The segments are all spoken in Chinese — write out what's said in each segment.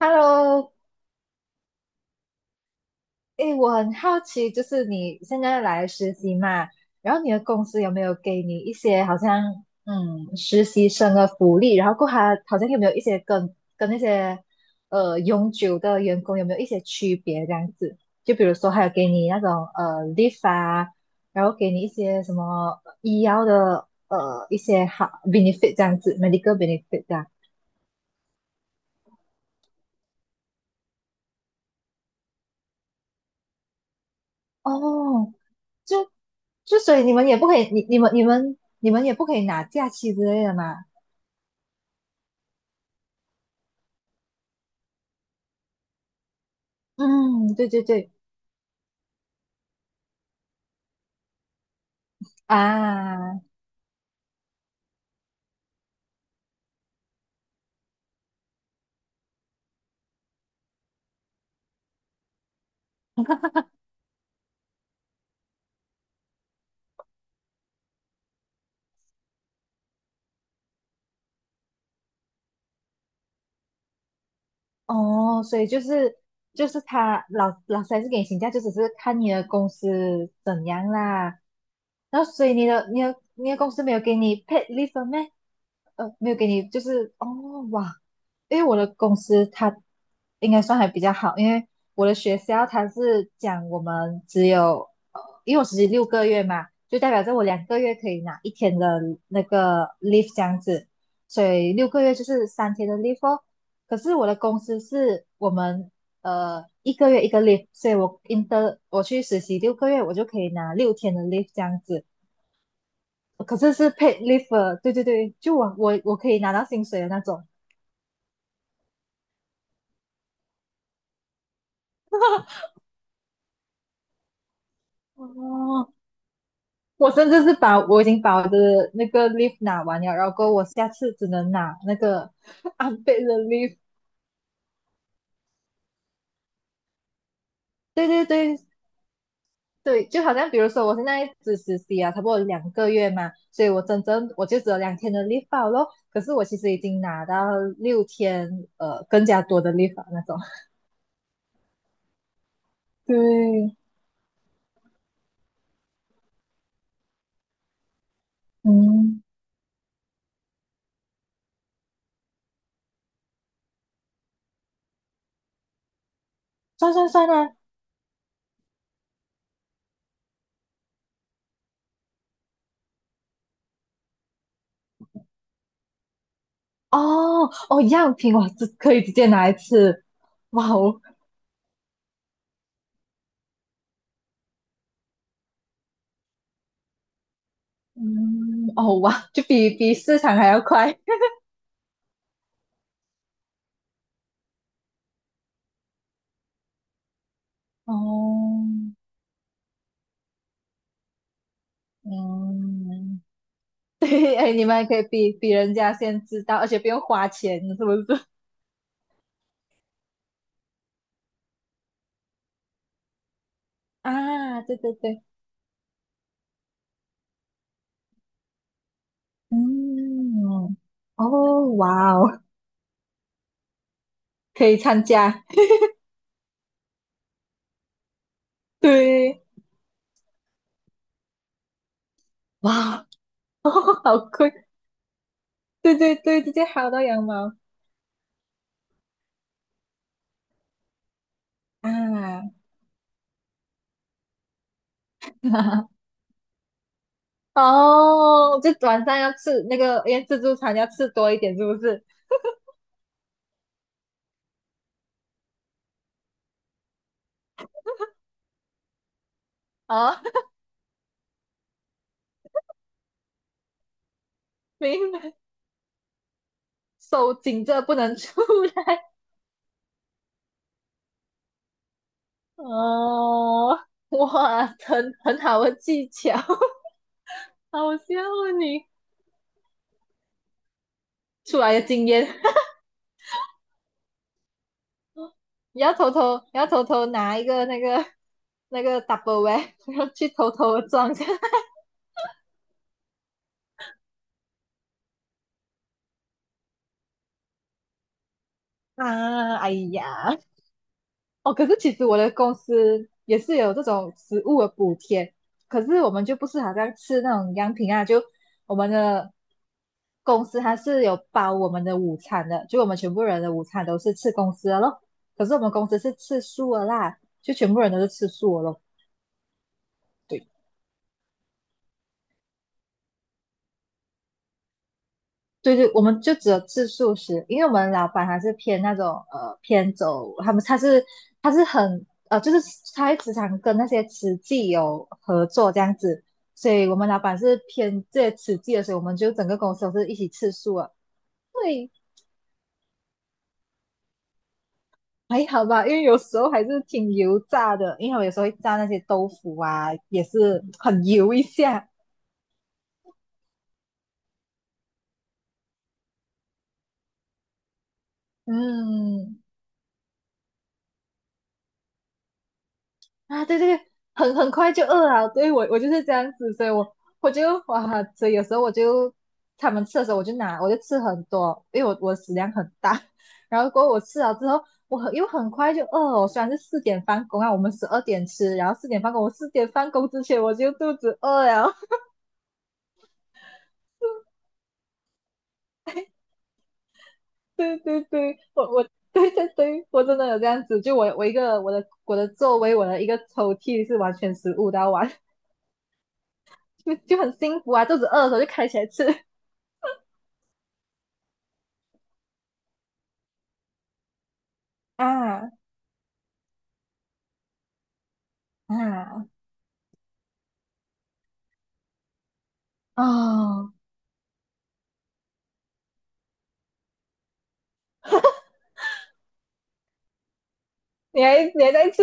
Hello。诶，我很好奇，就是你现在来实习嘛，然后你的公司有没有给你一些好像实习生的福利？然后过后还好像有没有一些跟那些永久的员工有没有一些区别这样子？就比如说还有给你那种leave 啊，然后给你一些什么医药的一些好 benefit 这样子，medical benefit 这样。哦，就所以你们也不可以，你们也不可以拿假期之类的嘛。嗯，对对对啊。哦，所以就是他老师还是给你请假，就只是看你的公司怎样啦。然后所以你的公司没有给你 paid leave 吗？呃，没有给你，就是哦，哇，因为我的公司它应该算还比较好，因为我的学校它是讲我们只有，因为我实习六个月嘛，就代表着我两个月可以拿一天的那个 leave 这样子，所以6个月就是3天的 leave 哦。可是我的公司是我们1个月一个 leave，所以我去实习六个月，我就可以拿六天的 leave 这样子，可是是 paid leave的。对对对，就我可以拿到薪水的那种。哦，我甚至是把我已经把我的那个 leave 拿完了，然后我下次只能拿那个 unpaid 的 leave。对对对对，就好像比如说我现在只实习啊，差不多两个月嘛，所以我真正我就只有2天的 leave 罢咯。可是我其实已经拿到六天，更加多的 leave 啊那种。对。嗯，算算算啊。哦哦，样品我这可以直接拿一次。哇哦。嗯，哦哇，就比市场还要快。哦。嗯。对，哎，你们还可以比人家先知道，而且不用花钱，是不是？啊，对对对。嗯，哦，哇哦，可以参加。对，哇。哦，好亏。对对对，直接薅到羊毛啊。哦，就晚上要吃那个，因为自助餐要吃多一点，是不是？哦。明白，手紧着不能出来。哦，哇，很好的技巧。好羡慕你出来的经验。你要偷偷拿一个那个 double 然后去偷偷的撞下。啊，哎呀。哦，可是其实我的公司也是有这种食物的补贴，可是我们就不是好像吃那种样品啊，就我们的公司它是有包我们的午餐的，就我们全部人的午餐都是吃公司的咯。可是我们公司是吃素的啦，就全部人都是吃素的咯。对对对，我们就只有吃素食，因为我们老板还是偏那种偏走，他是很，就是他会时常跟那些慈济有合作这样子，所以我们老板是偏这些慈济的，所以我们就整个公司都是一起吃素啊。对。还好吧，因为有时候还是挺油炸的，因为我有时候会炸那些豆腐啊，也是很油一下。嗯。啊，对对对，很快就饿了。对，我就是这样子，所以我就哇，所以有时候我就他们吃的时候，我就吃很多，因为我食量很大。然后过后我吃了之后，又很快就饿了。我虽然是四点放工啊，我们12点吃，然后四点放工，我四点放工之前我就肚子饿了。对对对，对对对，我真的有这样子，就我我一个我的座位，我的一个抽屉是完全食物的完，就很幸福啊，肚子饿的时候就开起来吃。啊。啊。哦，你还在吃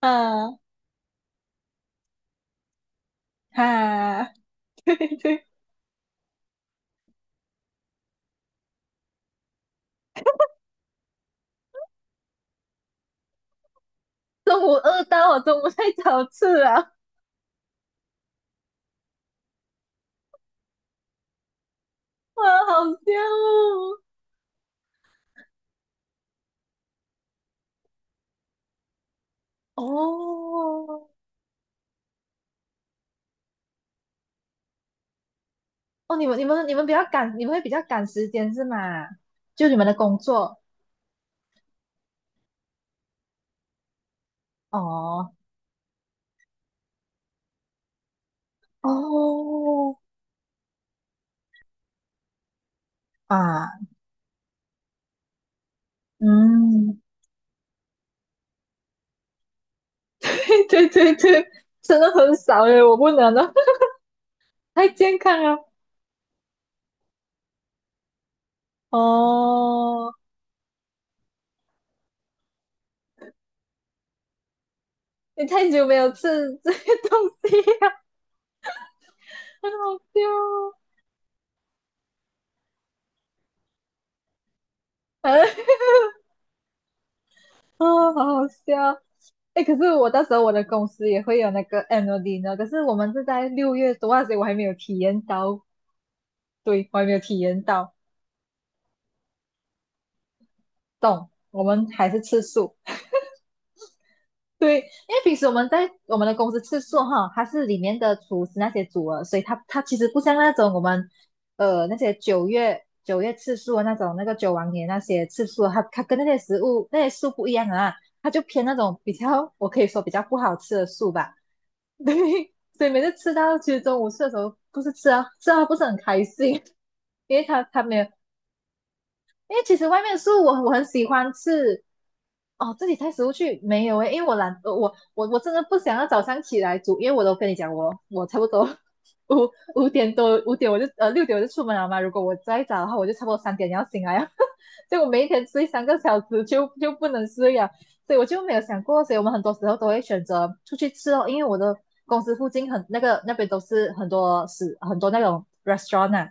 啊哈。对对，中午饿到我中午太想吃啊。哇，好香哦。哦哦，你们比较赶，你们会比较赶时间是吗？就你们的工作。哦哦。啊。嗯。对对对对，真的很少耶，我不能了。太健康了。哦，你太久没有吃这些东西了。很好笑哦。哎。啊，好好笑。哎，可是我到时候我的公司也会有那个 ANNLDI 可是我们是在6月多啊，所以我还没有体验到。对，我还没有体验到。懂？我们还是吃素。对，因为平时我们在我们的公司吃素哈，它是里面的厨师那些煮的，所以它其实不像那种我们那些九月吃素的那种那个九王爷那些吃素的，它跟那些食物那些素不一样啊，它就偏那种比较我可以说比较不好吃的素吧。对，所以每次吃到其实中午吃的时候，不是吃啊吃啊不是很开心，因为他没有。因为其实外面的食物我很喜欢吃。哦，自己带食物去没有诶，因为我懒，我真的不想要早上起来煮，因为我都跟你讲，我差不多 五五点我就6点我就出门了嘛。如果我再早的话，我就差不多3点要醒来了，所以我每一天睡3个小时就不能睡了，所以我就没有想过，所以我们很多时候都会选择出去吃哦，因为我的公司附近很那个那边都是很多很多那种 restaurant 啊。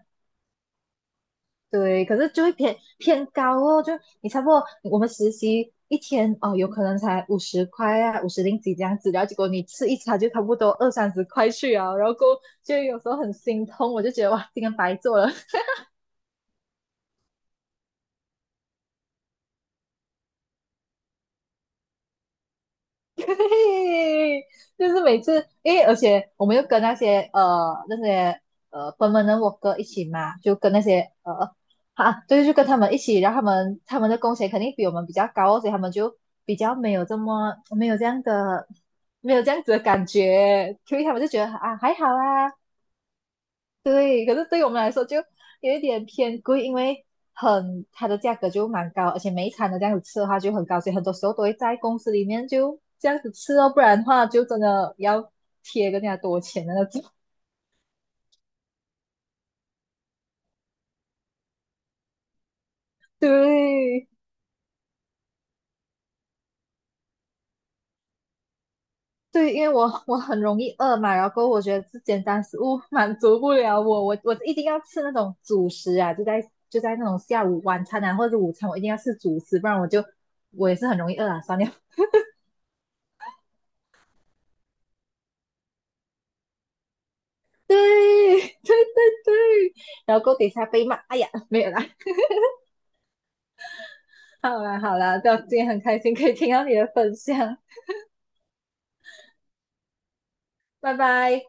对，可是就会偏高哦，就你差不多我们实习一天哦，有可能才50块啊，五十零几这样子，然后结果你吃一餐就差不多二三十块去啊，然后过后就有时候很心痛，我就觉得哇，今天白做了。嘿，就是每次，因为而且我们又跟那些 perm 哥一起嘛，就跟那些啊，对，就跟他们一起，然后他们的工钱肯定比我们比较高哦，所以他们就比较没有这么没有这样的没有这样子的学，所以他们就觉得啊还好啊。对，可是对我们来说就有一点偏贵，因为它的价格就蛮高，而且每一餐都这样子吃的话就很高，所以很多时候都会在公司里面就这样子吃哦，不然的话就真的要贴更加多钱的那种。对对，因为我很容易饿嘛，然后我觉得这简单食物满足不了我，我一定要吃那种主食啊，就在那种下午晚餐啊或者午餐，我一定要吃主食，不然我也是很容易饿啊，算了。对。 对对对，然后锅底下被骂，哎呀，没有啦，好啦好啦，今天很开心可以听到你的分享，拜拜。